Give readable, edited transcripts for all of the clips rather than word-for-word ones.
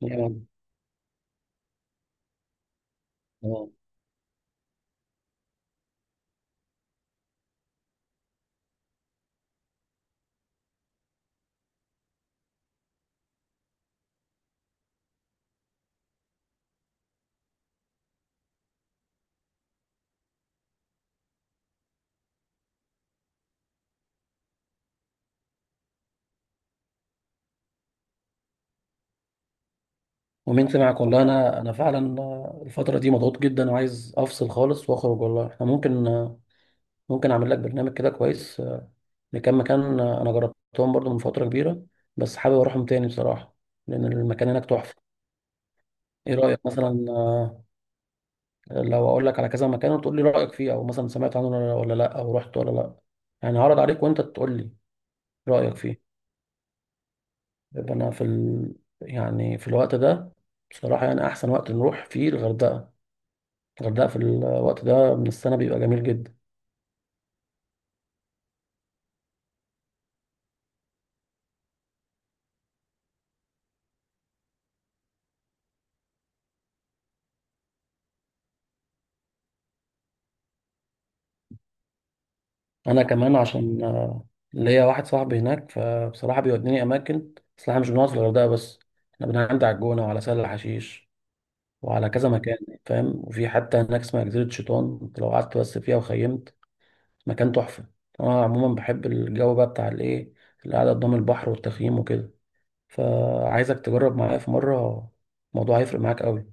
تمام. تمام. ومنت معك، والله انا فعلا الفتره دي مضغوط جدا وعايز افصل خالص واخرج. والله احنا ممكن، ممكن اعمل لك برنامج كده كويس لكام مكان انا جربتهم برضو من فتره كبيره، بس حابب اروحهم تاني بصراحه لان المكان هناك تحفه. ايه رايك مثلا لو اقول لك على كذا مكان وتقول لي رايك فيه، او مثلا سمعت عنه ولا لا، او رحت ولا لا؟ يعني هعرض عليك وانت تقول لي رايك فيه. يبقى انا يعني في الوقت ده بصراحه يعني احسن وقت نروح فيه الغردقه. الغردقة في الوقت ده من السنة بيبقى جميل جدا. أنا كمان عشان ليا واحد صاحبي هناك، فبصراحة بيوديني أماكن، بس احنا مش بنقعد في الغردقة بس، احنا بنعدي على الجونة وعلى سهل الحشيش وعلى كذا مكان، فاهم؟ وفي حتى هناك اسمها جزيرة شيطان، أنت لو قعدت بس فيها وخيمت، مكان تحفة. أنا عموما بحب الجو بقى بتاع الإيه، القعدة قدام البحر والتخييم وكده، فعايزك تجرب معايا في مرة. الموضوع هيفرق معاك أوي.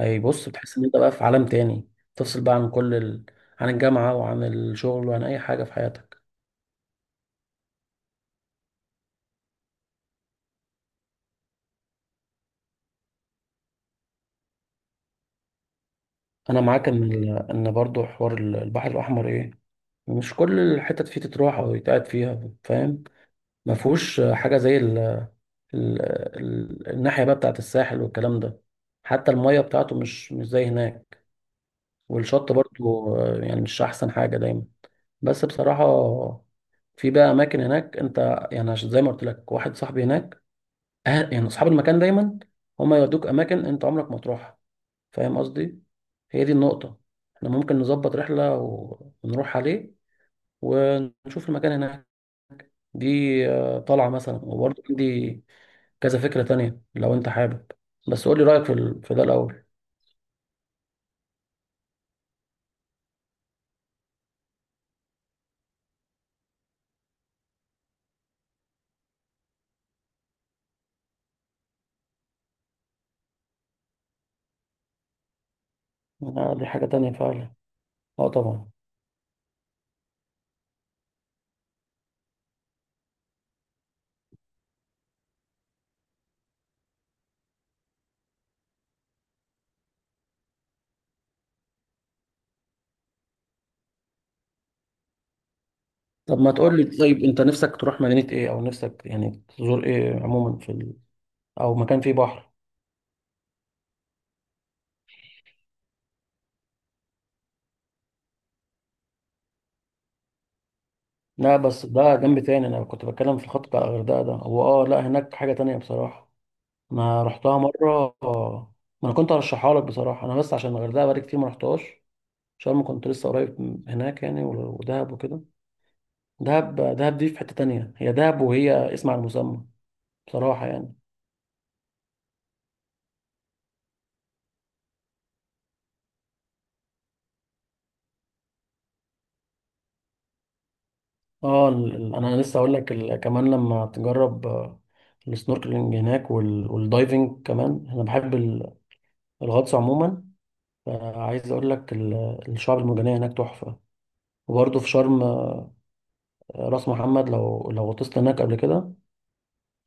اي، بص، بتحس ان انت بقى في عالم تاني، تفصل بقى عن كل عن الجامعة وعن الشغل وعن اي حاجة في حياتك. انا معاك ان برضو حوار البحر الاحمر ايه، مش كل الحتت فيه تتروح او يتقعد فيها، فاهم؟ ما فيهوش حاجة زي ال... الناحية بقى بتاعت الساحل والكلام ده. حتى المية بتاعته مش زي هناك. والشط برضو يعني مش احسن حاجة دايما، بس بصراحة في بقى أماكن هناك أنت يعني، عشان زي ما قلت لك واحد صاحبي هناك أهل يعني أصحاب المكان، دايما هما يودوك أماكن أنت عمرك ما تروحها، فاهم قصدي؟ هي دي النقطة. احنا ممكن نظبط رحلة ونروح عليه ونشوف المكان هناك دي. آه، طلعة مثلا، وبرضه عندي كذا فكرة تانية لو أنت حابب، بس قول لي رأيك في, في ده الأول. آه، دي حاجة تانية فعلا. اه، طبعا. طب ما تقول لي، طيب أنت نفسك تروح مدينة إيه، أو نفسك يعني تزور إيه عموما في أو مكان فيه بحر؟ لا، بس ده جنب تاني، انا كنت بتكلم في الخط بتاع الغردقه ده. هو اه، لا، هناك حاجه تانية بصراحه، انا رحتها مره ما انا كنت هرشحها لك بصراحه، انا بس عشان الغردقه بقالي كتير ما رحتهاش. شرم كنت لسه قريب من هناك يعني، ودهب وكده. دهب، دهب دي في حته تانية، هي دهب وهي اسم على المسمى بصراحه يعني. اه، انا لسه اقول لك، كمان لما تجرب السنوركلينج هناك وال- والدايفنج كمان، انا بحب الغطس عموما. فعايز اقول لك، الشعاب المرجانيه هناك تحفه. وبرضه في شرم، راس محمد لو غطست هناك قبل كده،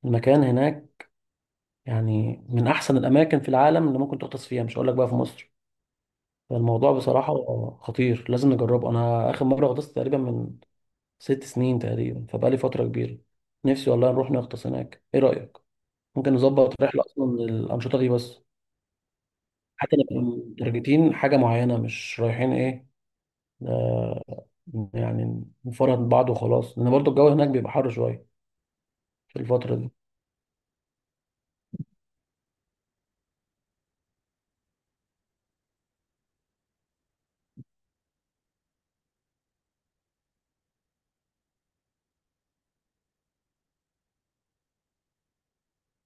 المكان هناك يعني من احسن الاماكن في العالم اللي ممكن تغطس فيها، مش هقول لك بقى في مصر. فالموضوع بصراحة خطير، لازم نجربه. انا اخر مرة غطست تقريبا من 6 سنين تقريبا، فبقالي فترة كبيرة. نفسي والله نروح نغطس هناك، ايه رأيك؟ ممكن نظبط رحلة اصلا للأنشطة دي بس، حتى نبقى متارجتين حاجة معينة مش رايحين ايه، آه، يعني نفرهد بعض وخلاص، لان برضه الجو هناك بيبقى حر شوية في الفترة دي.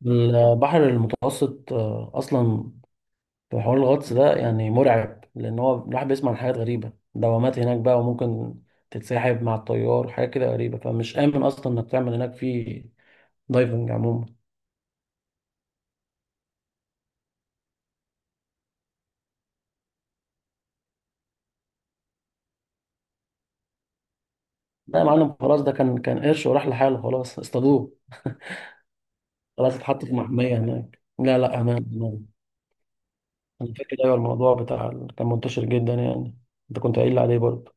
البحر المتوسط اصلا في حوار الغطس ده يعني مرعب، لان هو الواحد بيسمع عن حاجات غريبه، دوامات هناك بقى، وممكن تتسحب مع التيار وحاجات كده غريبه، فمش امن اصلا انك تعمل هناك في دايفنج عموما. لا يا معلم، خلاص، ده كان قرش وراح لحاله، خلاص اصطادوه. خلاص، اتحط في محميه هناك. لا لا، امان امان. انا فاكر، ايوه، الموضوع بتاع كان منتشر جدا يعني، انت كنت قايل لي عليه برضه.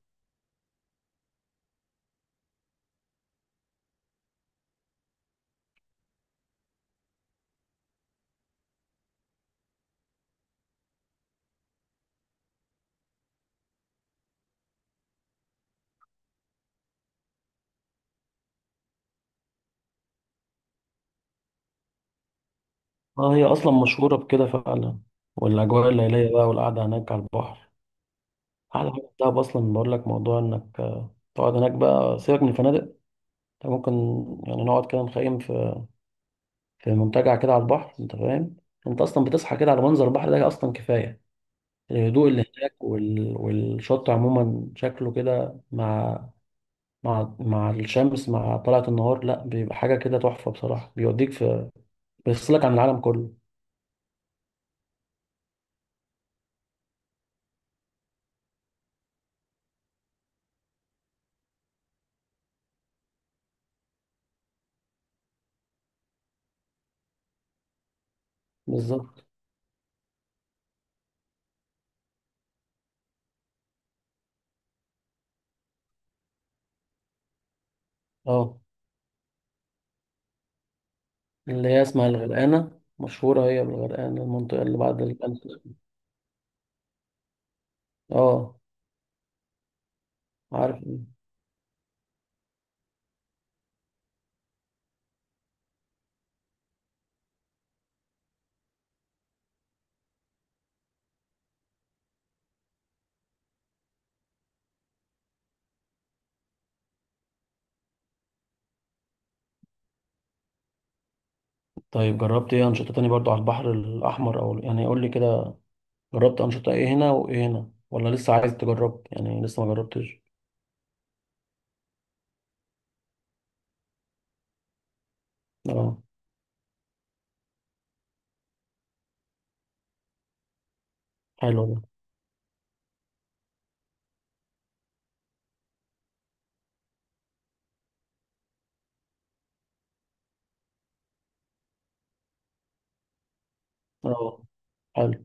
اه، هي اصلا مشهوره بكده فعلا، والاجواء الليليه بقى والقعده هناك على البحر. احلى حاجه في دهب اصلا، بقول لك، موضوع انك تقعد هناك بقى، سيبك من الفنادق. انت ممكن يعني نقعد كده، نخيم في في منتجع كده على البحر، انت فاهم؟ انت اصلا بتصحى كده على منظر البحر ده اصلا كفايه. الهدوء اللي هناك والشط عموما شكله كده مع مع الشمس مع طلعة النهار، لا بيبقى حاجه كده تحفه بصراحه. بيوديك في، بيفصلك عن العالم كله. بالظبط. اه، اللي هي اسمها الغرقانه، مشهوره هي بالغرقانه، المنطقه اللي بعد اه، عارف. طيب، جربت ايه انشطة تاني برضو على البحر الاحمر، او يعني قول لي كده، جربت انشطة ايه هنا وايه هنا، ولا لسه عايز تجرب يعني لسه ما جربتش؟ اه. حلو ده. اه، حلو.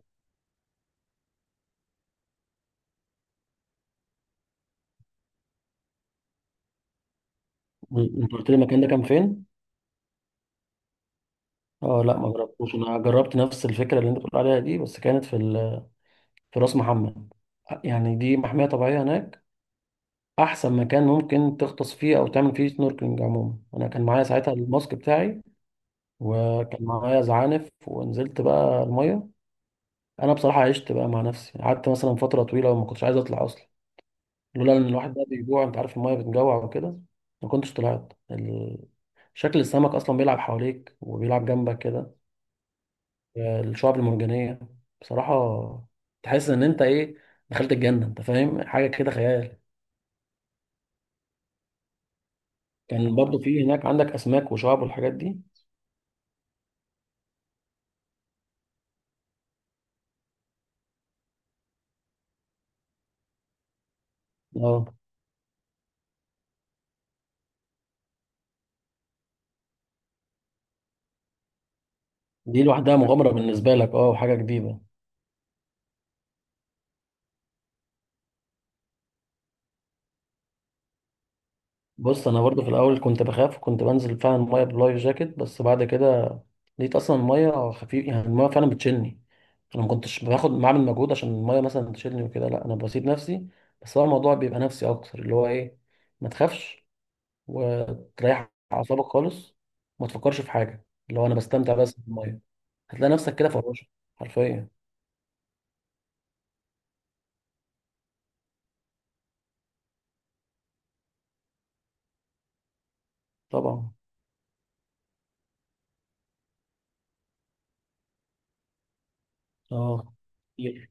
انت قلت لي المكان ده كان فين؟ اه، لا ما جربتوش، انا جربت نفس الفكرة اللي انت بتقول عليها دي، بس كانت في في راس محمد. يعني دي محمية طبيعية هناك، احسن مكان ممكن تغطس فيه او تعمل فيه سنوركلينج عموما. انا كان معايا ساعتها الماسك بتاعي، وكان معايا زعانف ونزلت بقى المية. انا بصراحه عشت بقى مع نفسي، قعدت مثلا فتره طويله وما كنتش عايز اطلع اصلا، لولا ان الواحد ده بيجوع، انت عارف، الميه بتجوع وكده، ما كنتش طلعت. شكل السمك اصلا بيلعب حواليك وبيلعب جنبك كده، الشعاب المرجانيه، بصراحه تحس ان انت ايه، دخلت الجنه، انت فاهم، حاجه كده خيال. كان برضو في هناك عندك اسماك وشعاب والحاجات دي. اه، دي لوحدها مغامره بالنسبه لك، اه، وحاجه جديده. بص، انا برضو في الاول كنت بخاف، وكنت بنزل فعلا الميه بلايف جاكيت، بس بعد كده لقيت اصلا الميه خفيف يعني، الميه فعلا بتشيلني، انا ما كنتش باخد، بعمل مجهود عشان الميه مثلا تشيلني وكده، لا انا بسيب نفسي. بس هو الموضوع بيبقى نفسي اكتر، اللي هو ايه، ما تخافش وتريح اعصابك خالص، وما تفكرش في حاجه، اللي هو انا بستمتع بس بالميه، هتلاقي نفسك كده فراشه حرفيا. طبعا. اه، كتير.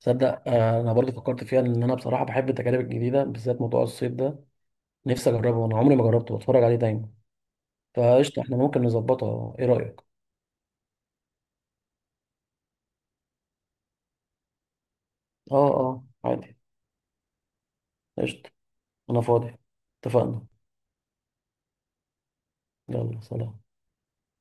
تصدق انا برضو فكرت فيها، ان انا بصراحه بحب التجارب الجديده، بالذات موضوع الصيد ده نفسي اجربه، انا عمري ما جربته، بتفرج عليه دايما. فقشطة، احنا ممكن نظبطها، ايه رأيك؟ اه اه، عادي. قشطة. انا فاضي. اتفقنا. يلا، سلام.